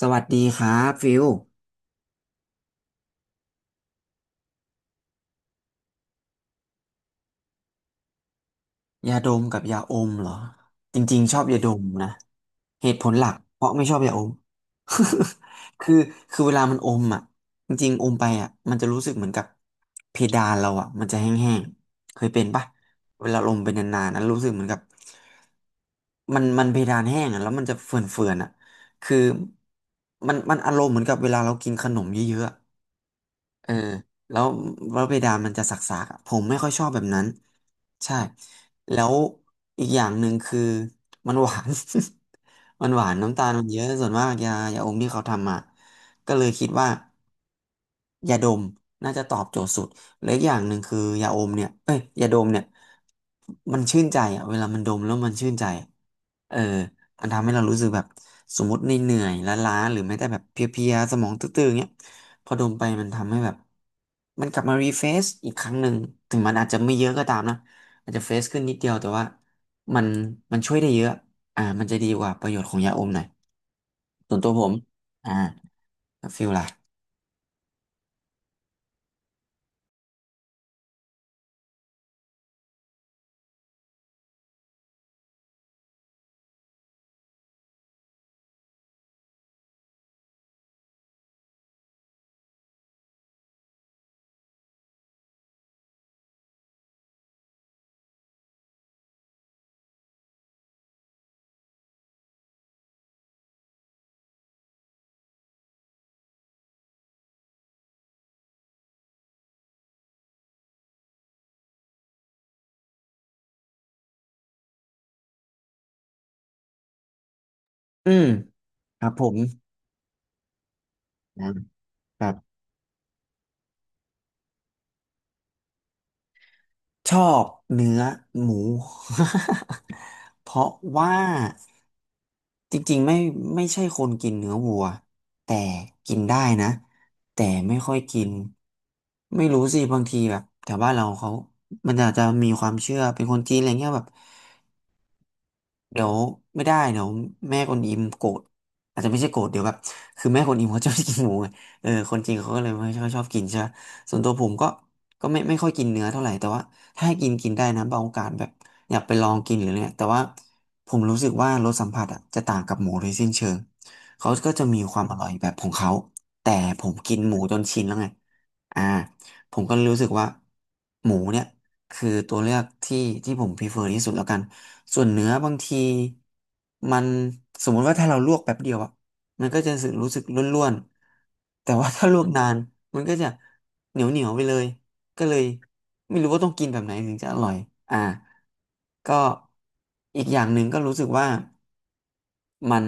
สวัสดีครับฟิลยาดมกับยาอมเหรอจริงๆชอบยาดมนะเหตุผลหลักเพราะไม่ชอบยาอม คือเวลามันอมอ่ะจริงๆอมไปอ่ะมันจะรู้สึกเหมือนกับเพดานเราอ่ะมันจะแห้งๆเคยเป็นปะเวลาอมไปนานๆนะรู้สึกเหมือนกับมันเพดานแห้งอ่ะแล้วมันจะเฟื่อนๆอ่ะคือมันอารมณ์เหมือนกับเวลาเรากินขนมเยอะๆอะ เออแล้วเพดานมันจะสักๆอะผมไม่ค่อยชอบแบบนั้นใช่แล้วอีกอย่างหนึ่งคือ มันหวาน มันหวานน้ำตาลมันเยอะส่วนมากยาอมที่เขาทำอ่ะก็เลยคิดว่ายาดมน่าจะตอบโจทย์สุดและอีกอย่างหนึ่งคือยาอมเนี่ยเอ้ยยาดมเนี่ยมันชื่นใจอ่ะเวลามันดมแล้วมันชื่นใจอะเออ อันทำให้เรารู้สึกแบบสมมติในเหนื่อยๆล้าๆหรือแม้แต่แบบเพลียๆสมองตื้อๆเงี้ยพอดมไปมันทำให้แบบมันกลับมารีเฟรชอีกครั้งหนึ่งถึงมันอาจจะไม่เยอะก็ตามนะอาจจะเฟรชขึ้นนิดเดียวแต่ว่ามันมันช่วยได้เยอะอ่ามันจะดีกว่าประโยชน์ของยาอมหน่อยส่วนตัวผมอ่าแล้วฟิลล่ะอืมครับผมนะครับชอบเนื้อหมู เพราะว่า จริงๆไม่ใช่คนกินเนื้อวัวแต่กินได้นะแต่ไม่ค่อยกินไม่รู้สิบางทีแบบแถวบ้านเราเขามันอาจจะมีความเชื่อเป็นคนจีนอะไรเงี้ยแบบ เดี๋ยวไม่ได้เดี๋ยวแม่คนอิมโกรธอาจจะไม่ใช่โกรธเดี๋ยวแบบคือแม่คนอิมเขาชอบกินหมูไงเออคนจริงเขาก็เลยไม่ค่อยชอบกินใช่ปะส่วนตัวผมก็ก็ไม่ค่อยกินเนื้อเท่าไหร่แต่ว่าถ้าให้กินกินได้นะบางโอกาสแบบอยากไปลองกินหรืออะไรเนี่ยแต่ว่าผมรู้สึกว่ารสสัมผัสอ่ะจะต่างกับหมูโดยสิ้นเชิงเขาก็จะมีความอร่อยแบบของเขาแต่ผมกินหมูจนชินแล้วไงอ่าผมก็เลยรู้สึกว่าหมูเนี่ยคือตัวเลือกที่ผมพ r e เ e r ที่สุดแล้วกัน ส่วนเนื้อบางทีมันสมมุติว่าถ้าเราลวกแป๊บเดียวอะมันก็จะรู้สึกร่วนๆแต่ว่าถ้าลวกนานมันก็จะเหนียวเหนียวไปเลยก็เลยไม่รู้ว่าต้องกินแบบไหนถึงจะอร่อยอ่าก็อีกอย่างหนึ่งก็รู้สึกว่า มัน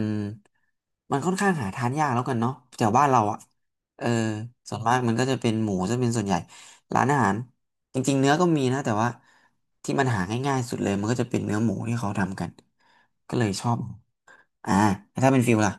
มันค่อนข้างหาทานยากแล้วกันเนาะแถวบ้านเราอ่ะเออส่วนมากมันก็จะเป็นหมูจะเป็นส่วนใหญ่ร้านอาหารจริงๆเนื้อก็มีนะแต่ว่าที่มันหาง่ายๆสุดเลยมันก็จะเป็นเนื้อหมูที่เขาทำกันก็เลยชอบอ่าแล้วถ้าเป็นฟิลล่ะ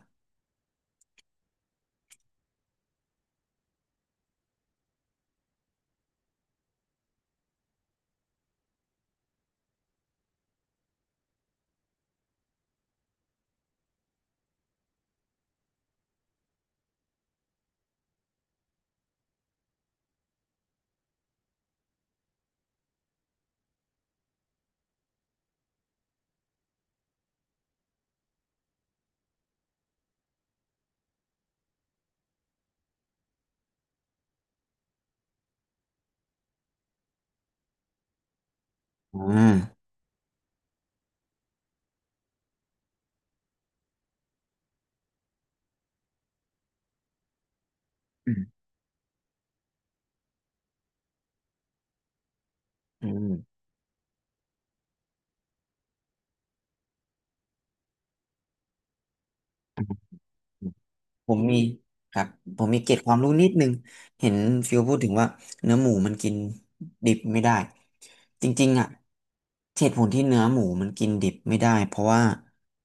อืมอืมอืม ผมมีครับผมมีเกร็ดความรู้นิดนึงเห็นฟิวพูดถึงว่าเนื้อหมูมันกินดิบไม่ได้จริงๆอ่ะเหตุผลที่เนื้อหมูมันกินดิบไม่ได้เพราะว่า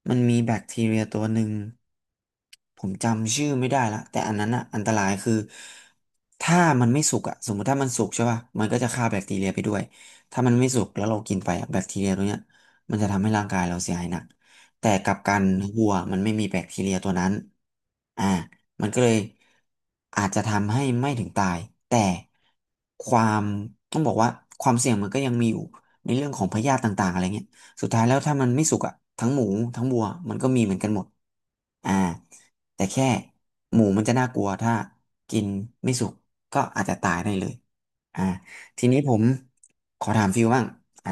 มันมีแบคทีเรียตัวหนึ่งผมจำชื่อไม่ได้ละแต่อันนั้นอ่ะอันตรายคือถ้ามันไม่สุกอ่ะสมมติถ้ามันสุกใช่ป่ะมันก็จะฆ่าแบคทีเรียไปด้วยถ้ามันไม่สุกแล้วเรากินไปอะแบคทีเรียตัวเนี้ยมันจะทำให้ร่างกายเราเสียหายหนัก แต่กลับกันวัวมันไม่มีแบคทีเรียตัวนั้นอ่ามันก็เลยอาจจะทำให้ไม่ถึงตายแต่ความต้องบอกว่าความเสี่ยงมันก็ยังมีอยู่ในเรื่องของพยาธิต่างๆอะไรเงี้ยสุดท้ายแล้วถ้ามันไม่สุกอะทั้งหมูทั้งวัวมันก็มีเหมือนกันหมดอ่าแต่แค่หมูมันจะน่ากลัวถ้ากินไม่สุกก็อาจจะตายได้เลยอ่าทีนี้ผมขอถามฟิวบ้างอ่า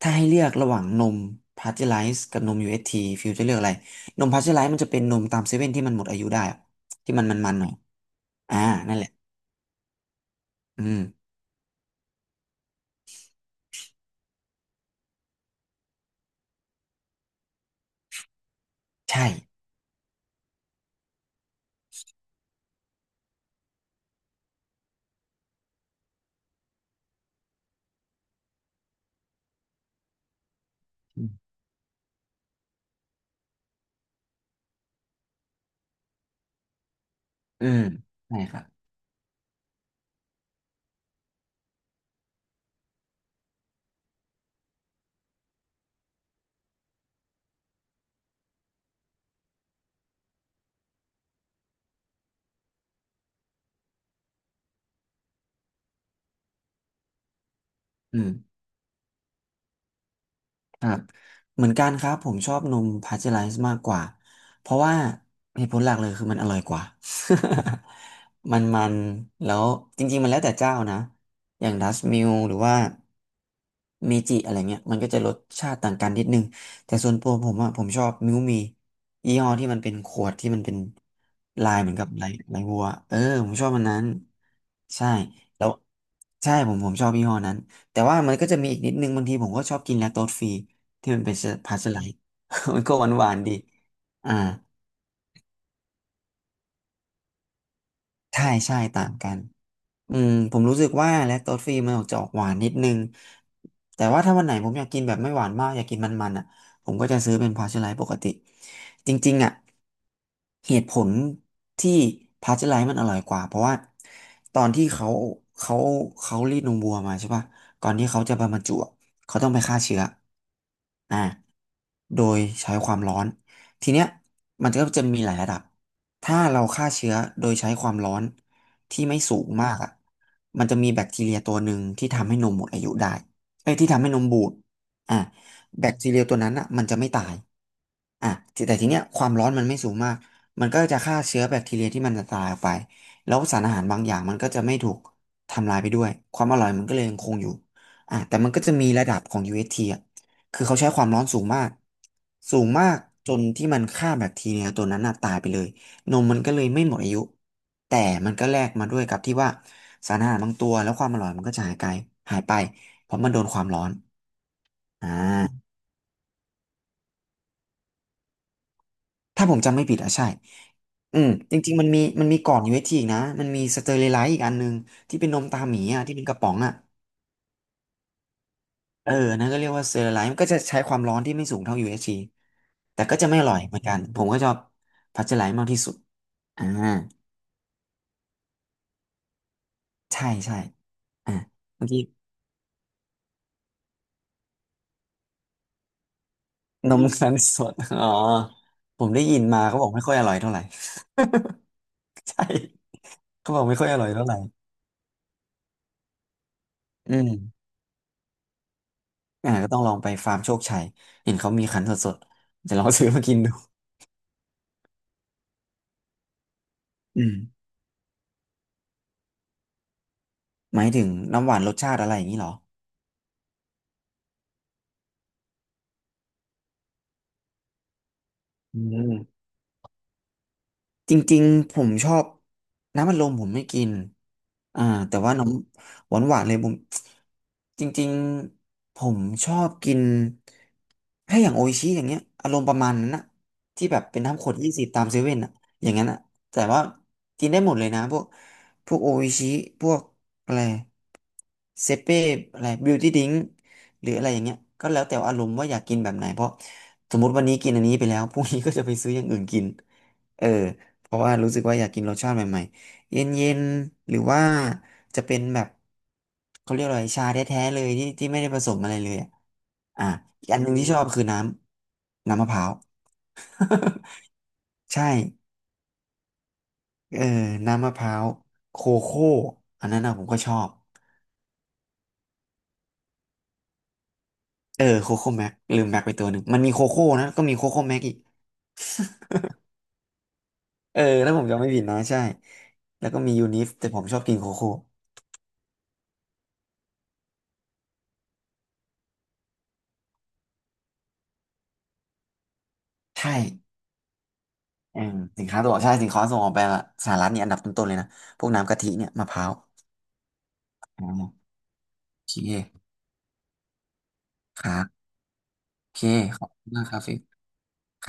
ถ้าให้เลือกระหว่างนมพาสเจอไรซ์กับนม u ท t ฟิวจะเลือกอะไรนมพาสเจอไรซ์มันจะเป็นนมตามเซเว่นที่มันหมดอายุได้อะที่มันมันๆหน่อยอ่านั่นแหละอืมใช่อืมอืมใช่ครับอืม ครับเหมือนกันครับผมชอบนมพาสเจอไรซ์มากกว่าเพราะว่าเหตุผลหลักเลยคือมันอร่อยกว่า มันมันแล้วจริงๆมันแล้วแต่เจ้านะอย่างดัสมิลหรือว่าเมจิอะไรเงี้ยมันก็จะรสชาติต่างกันนิดนึงแต่ส่วนตัวผมอะผมชอบมิวมียี่ห้อที่มันเป็นขวดที่มันเป็นลายเหมือนกับลายวัวเออผมชอบมันนั้นใช่แล้วใช่ผมชอบยี่ห้อนั้น แต่ว่ามันก็จะมีอีกนิดนึงบางทีผมก็ชอบกินแลคโตสฟรีที่มันเป็นพาสเจอร์ไลท์ มันก็หวานๆดีอ่าใช่ใช่ต่างกัน อืมผมรู้สึกว่าแลคโตสฟรีมันออกจะออกหวานนิดนึงแต่ว่าถ้าวันไหนผมอยากกินแบบไม่หวานมากอยากกินมันๆอ่ะผมก็จะซื้อเป็นพาสเจอไรปกติจริงๆอ่ะเหตุผลที่พาสเจอไรมันอร่อยกว่าเพราะว่าตอนที่เขาเขารีดนมวัวมาใช่ป่ะก่อนที่เขาจะมาบรรจุอะเขาต้องไปฆ่าเชื้ออ่าโดยใช้ความร้อนทีเนี้ยมันก็จะมีหลายระดับถ้าเราฆ่าเชื้อโดยใช้ความร้อน ที่ไม่สูงมากอ่ะมันจะมีแบคทีเรียตัวหนึ่งที่ทำให้นมหมดอายุได้เอ้ยที่ทำให้นมบูดอ่ะแบคทีเรียตัวนั้นอ่ะมันจะไม่ตายอ่ะแต่ทีเนี้ยความร้อนมันไม่สูงมากมันก็จะฆ่าเชื้อแบคทีเรียที่มันจะตายออกไปแล้วสารอาหารบางอย่างมันก็จะไม่ถูกทำลายไปด้วยความอร่อยมันก็เลยยังคงอยู่อ่ะแต่มันก็จะมีระดับของ UHT อชทีอ่ะคือเขาใช้ความร้อนสูงมาก สูงมากจนที่มันฆ่าแบคทีเรียตัวนั้นน่ะตายไปเลย นมมันก็เลยไม่หมดอายุแต่มันก็แลกมาด้วยกับที่ว่าสารอาหารบางตัวแล้วความอร่อยมันก็จะหายไปหายไปเพราะมันโดนความร้อนอ่าถ้าผมจำไม่ผิดอ่ะใช่อืมจริงๆมันมีก่อน UHT อชทีอีกนะมันมีสเตอ r i ไลซ์อีกอันหนึงที่เป็นนมตาหมีอ่ะที่เป็นกระป๋องอ่ะเอออันนั่นก็เรียกว่าสเตอ r ์ไลซ์มันก็จะใช้ความร้อนที่ไม่สูงเท่า UHT แต่ก็จะไม่อร่อยเหมือนกันผมก็ชอบพัชไลท์มากที่สุดอ่าใช่ใช่อ่าเมื่อกี้ นมคั้นสด อ๋อ ผมได้ยินมาเขาบอกไม่ค่อยอร่อยเท่าไหร่ ใช่ เขาบอกไม่ค่อยอร่อยเท่าไหร่อืมอ่าก็ต้องลองไปฟาร์มโชคชัย เห็นเขามีคั้นสดๆจะลอง ซื้อมากินดูอืมหมายถึงน้ำหวานรสชาติอะไรอย่างนี้เหรออืม จริงๆผมชอบน้ำอัดลมผมไม่กินอ่าแต่ว่าน้ำหวานเลยผมจริงๆผมชอบกินถ้าอย่างโออิชิอย่างเงี้ยอารมณ์ประมาณนั้นนะที่แบบเป็นน้ำขวด20ตามเซเว่นอะอย่างนั้นอะแต่ว่ากินได้หมดเลยนะพวกโออิชิพวกอะไรเซเป้อะไรบิวตี้ดิงหรืออะไรอย่างเงี้ยก็แล้วแต่อารมณ์ว่าอยากกินแบบไหนเพราะสมมติวันนี้กินอันนี้ไปแล้วพรุ่งนี้ก็จะไปซื้ออย่างอื่นกิน เออเพราะว่ารู้สึกว่าอยากกินรสชาติใหม่ๆ เย็นๆ หรือว่าจะเป็นแบบเขาเรียกอะไรชาแท้ๆเลยที่ไม่ได้ผสมอะไรเลยอะอ่ะอีกอันหนึ่งที่ชอบคือน้ำมะพร้าว ใช่เออน้ำมะพร้าวโคโค่อันนั้นนะผมก็ชอบเออโคโค่แม็กลืมแม็กไปตัวหนึ่งมันมีโคโค่นะก็มีโคโค่แม็กอีกเออแล้วผมจำไม่ผิดนะใช่แล้วก็มียูนิฟแต่ผมชอบกินโคโค่ใช่ เออสินค้าตัวใช่สินค้าส่งออกไปสหรัฐเนี่ยอันดับต้นๆเลยนะพวกน้ำกะทิเนี่ยมะพร้าวอ๋อโอเคครับโอเคขอบคุณมากครับฟิก